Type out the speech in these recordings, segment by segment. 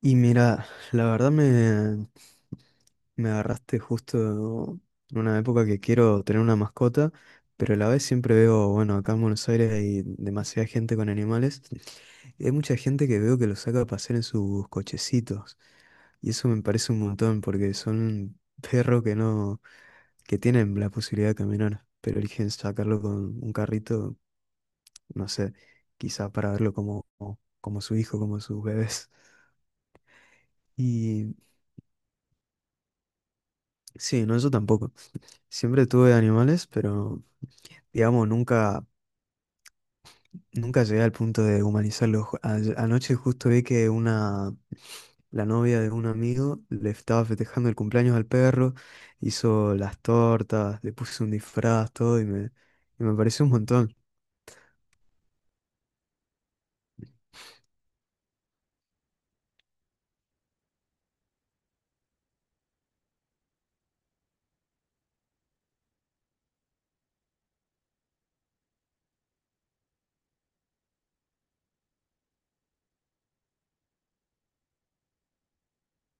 Y mira, la verdad me agarraste justo en una época que quiero tener una mascota, pero a la vez siempre veo, bueno, acá en Buenos Aires hay demasiada gente con animales y hay mucha gente que veo que los saca a pasear en sus cochecitos. Y eso me parece un montón porque son perros que no, que tienen la posibilidad de caminar, pero eligen sacarlo con un carrito, no sé, quizá para verlo como, como su hijo, como sus bebés. Y sí, no, yo tampoco. Siempre tuve animales, pero digamos, nunca llegué al punto de humanizarlos. Anoche justo vi que una, la novia de un amigo le estaba festejando el cumpleaños al perro, hizo las tortas, le puso un disfraz, todo, y me pareció un montón.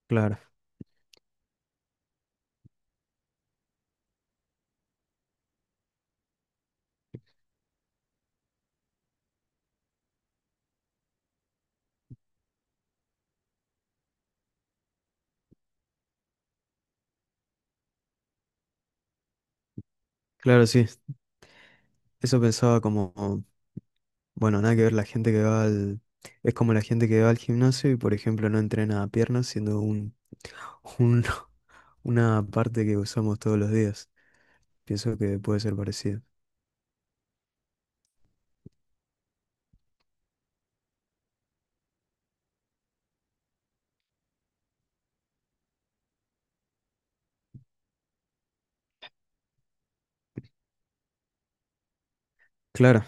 Claro, claro, sí. Eso pensaba como, bueno, nada que ver la gente que va al... Es como la gente que va al gimnasio y, por ejemplo, no entrena piernas, un- una parte que usamos todos los días. Pienso que puede ser parecido. Claro,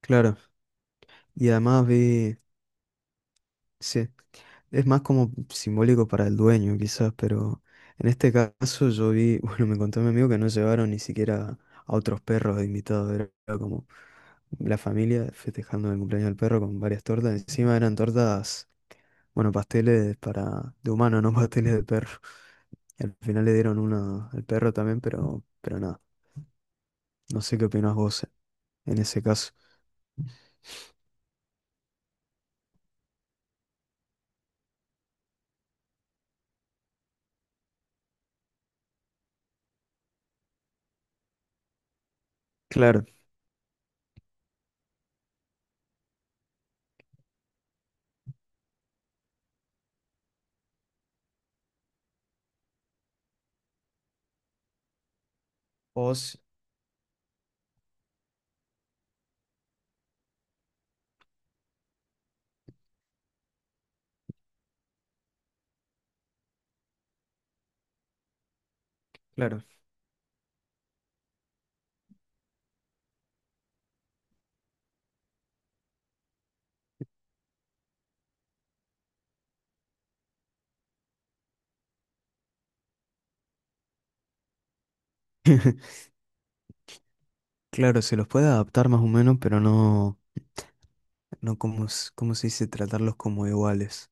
claro. Y además vi, sí, es más como simbólico para el dueño quizás, pero en este caso yo vi, bueno, me contó mi amigo que no llevaron ni siquiera a otros perros de invitados, era como la familia festejando el cumpleaños del perro con varias tortas, encima eran tortas, bueno, pasteles para de humano, no pasteles de perro. Y al final le dieron una al perro también, pero nada, no sé qué opinás vos en ese caso. Claro. Os, claro. Claro, se los puede adaptar más o menos, pero no como, s- ¿cómo se dice? Tratarlos como iguales.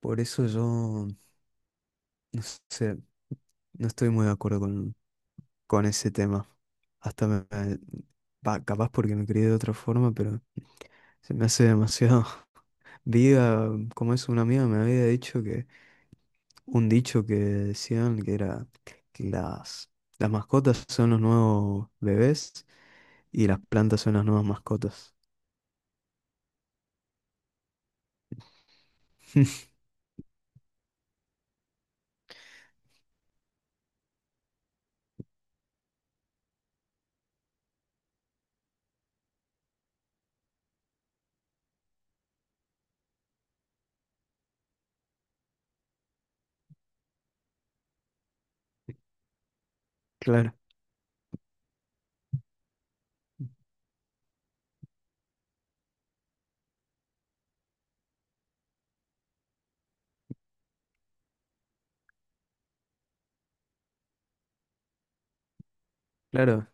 Por eso yo, no sé, no estoy muy de acuerdo con ese tema. Hasta me, me- va, capaz porque me crié de otra forma, pero se me hace demasiado. Vi como es una amiga, me había dicho que un dicho que decían que era que las mascotas son los nuevos bebés y las plantas son las nuevas mascotas. Claro, claro.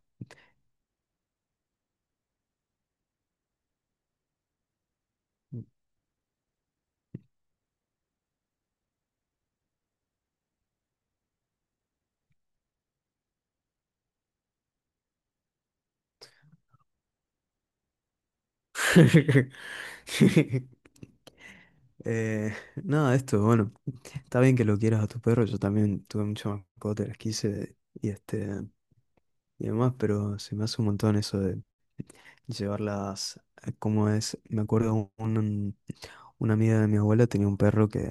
Eh, nada, esto, bueno, está bien que lo quieras a tu perro, yo también tuve muchas mascotas, las quise y este y demás, pero se me hace un montón eso de llevarlas, como es, me acuerdo un, una amiga de mi abuela tenía un perro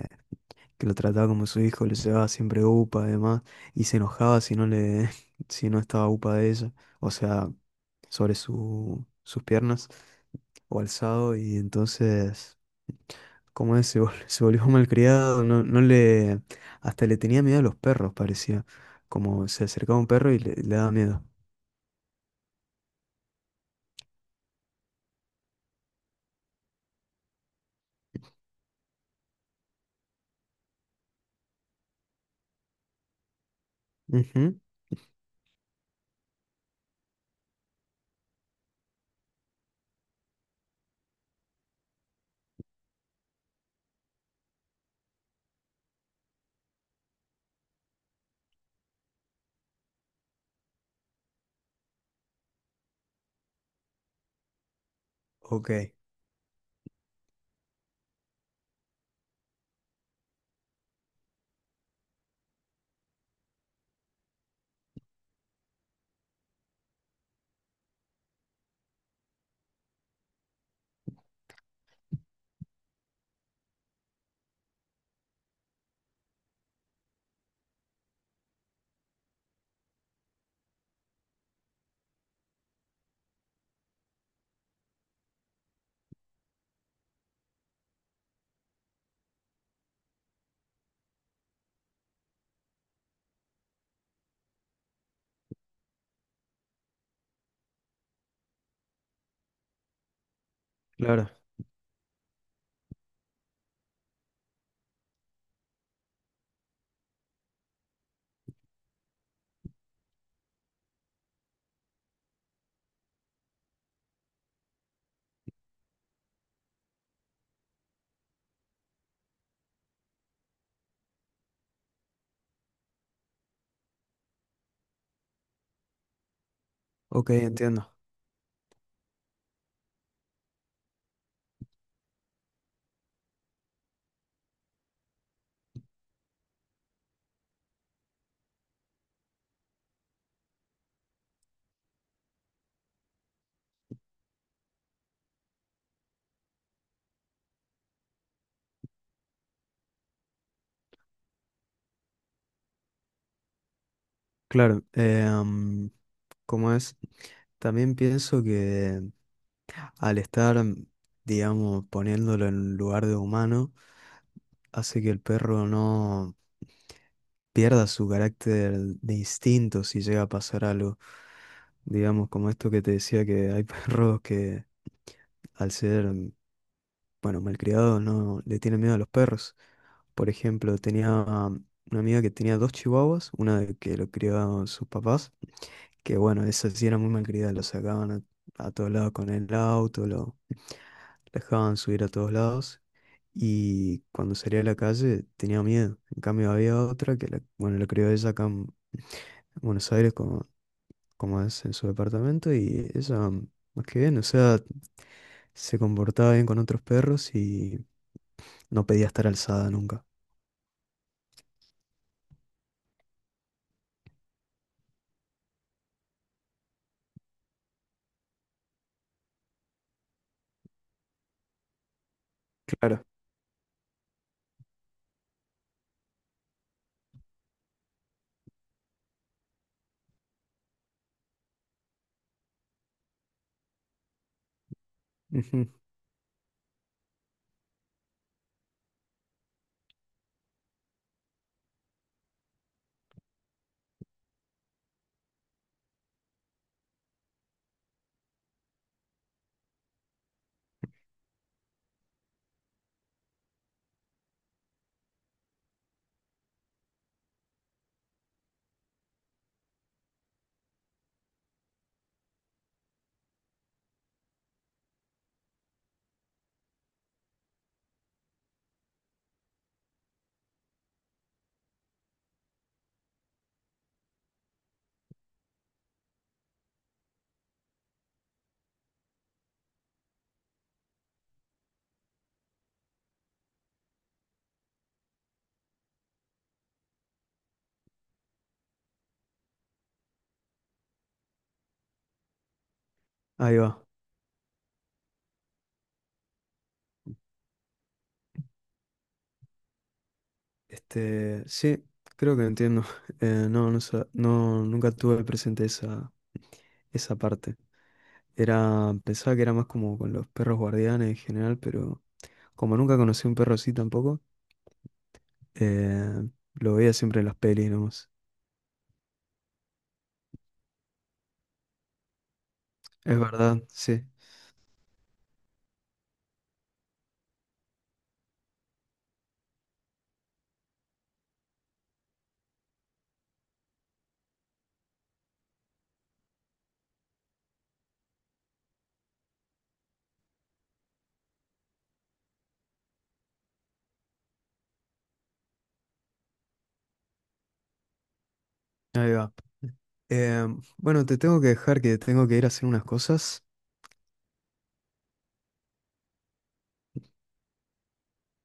que lo trataba como su hijo, le llevaba siempre upa, además, y se enojaba si no le, si no estaba upa de ella, o sea, sobre su, sus piernas o alzado, y entonces, como es, se volvió malcriado, no, no le, hasta le tenía miedo a los perros, parecía, como se acercaba un perro y le daba miedo. Ujú. Ok, claro, ok, entiendo. Claro, ¿cómo es? También pienso que al estar, digamos, poniéndolo en lugar de humano, hace que el perro no pierda su carácter de instinto si llega a pasar algo. Digamos, como esto que te decía que hay perros que al ser, bueno, malcriados no le tienen miedo a los perros. Por ejemplo, tenía una amiga que tenía dos chihuahuas, una de que lo criaban sus papás. Que bueno, eso sí era muy malcriada, a todos lados con el auto, lo dejaban subir a todos lados. Y cuando salía a la calle tenía miedo. En cambio había otra que, la, bueno, la crió ella acá en Buenos Aires como, como es en su departamento y ella, más que bien, o sea, se comportaba bien con otros perros y no pedía estar alzada nunca. Claro. Ujú. Ahí va. Este, sí, creo que entiendo. No, no, nunca tuve presente esa, esa parte. Era, pensaba que era más como con los perros guardianes en general, pero como nunca conocí un perro así tampoco, eh, lo veía siempre en las pelis nomás. Es verdad, sí. Ahí va. Eh, bueno, te tengo que dejar que tengo que ir a hacer unas cosas.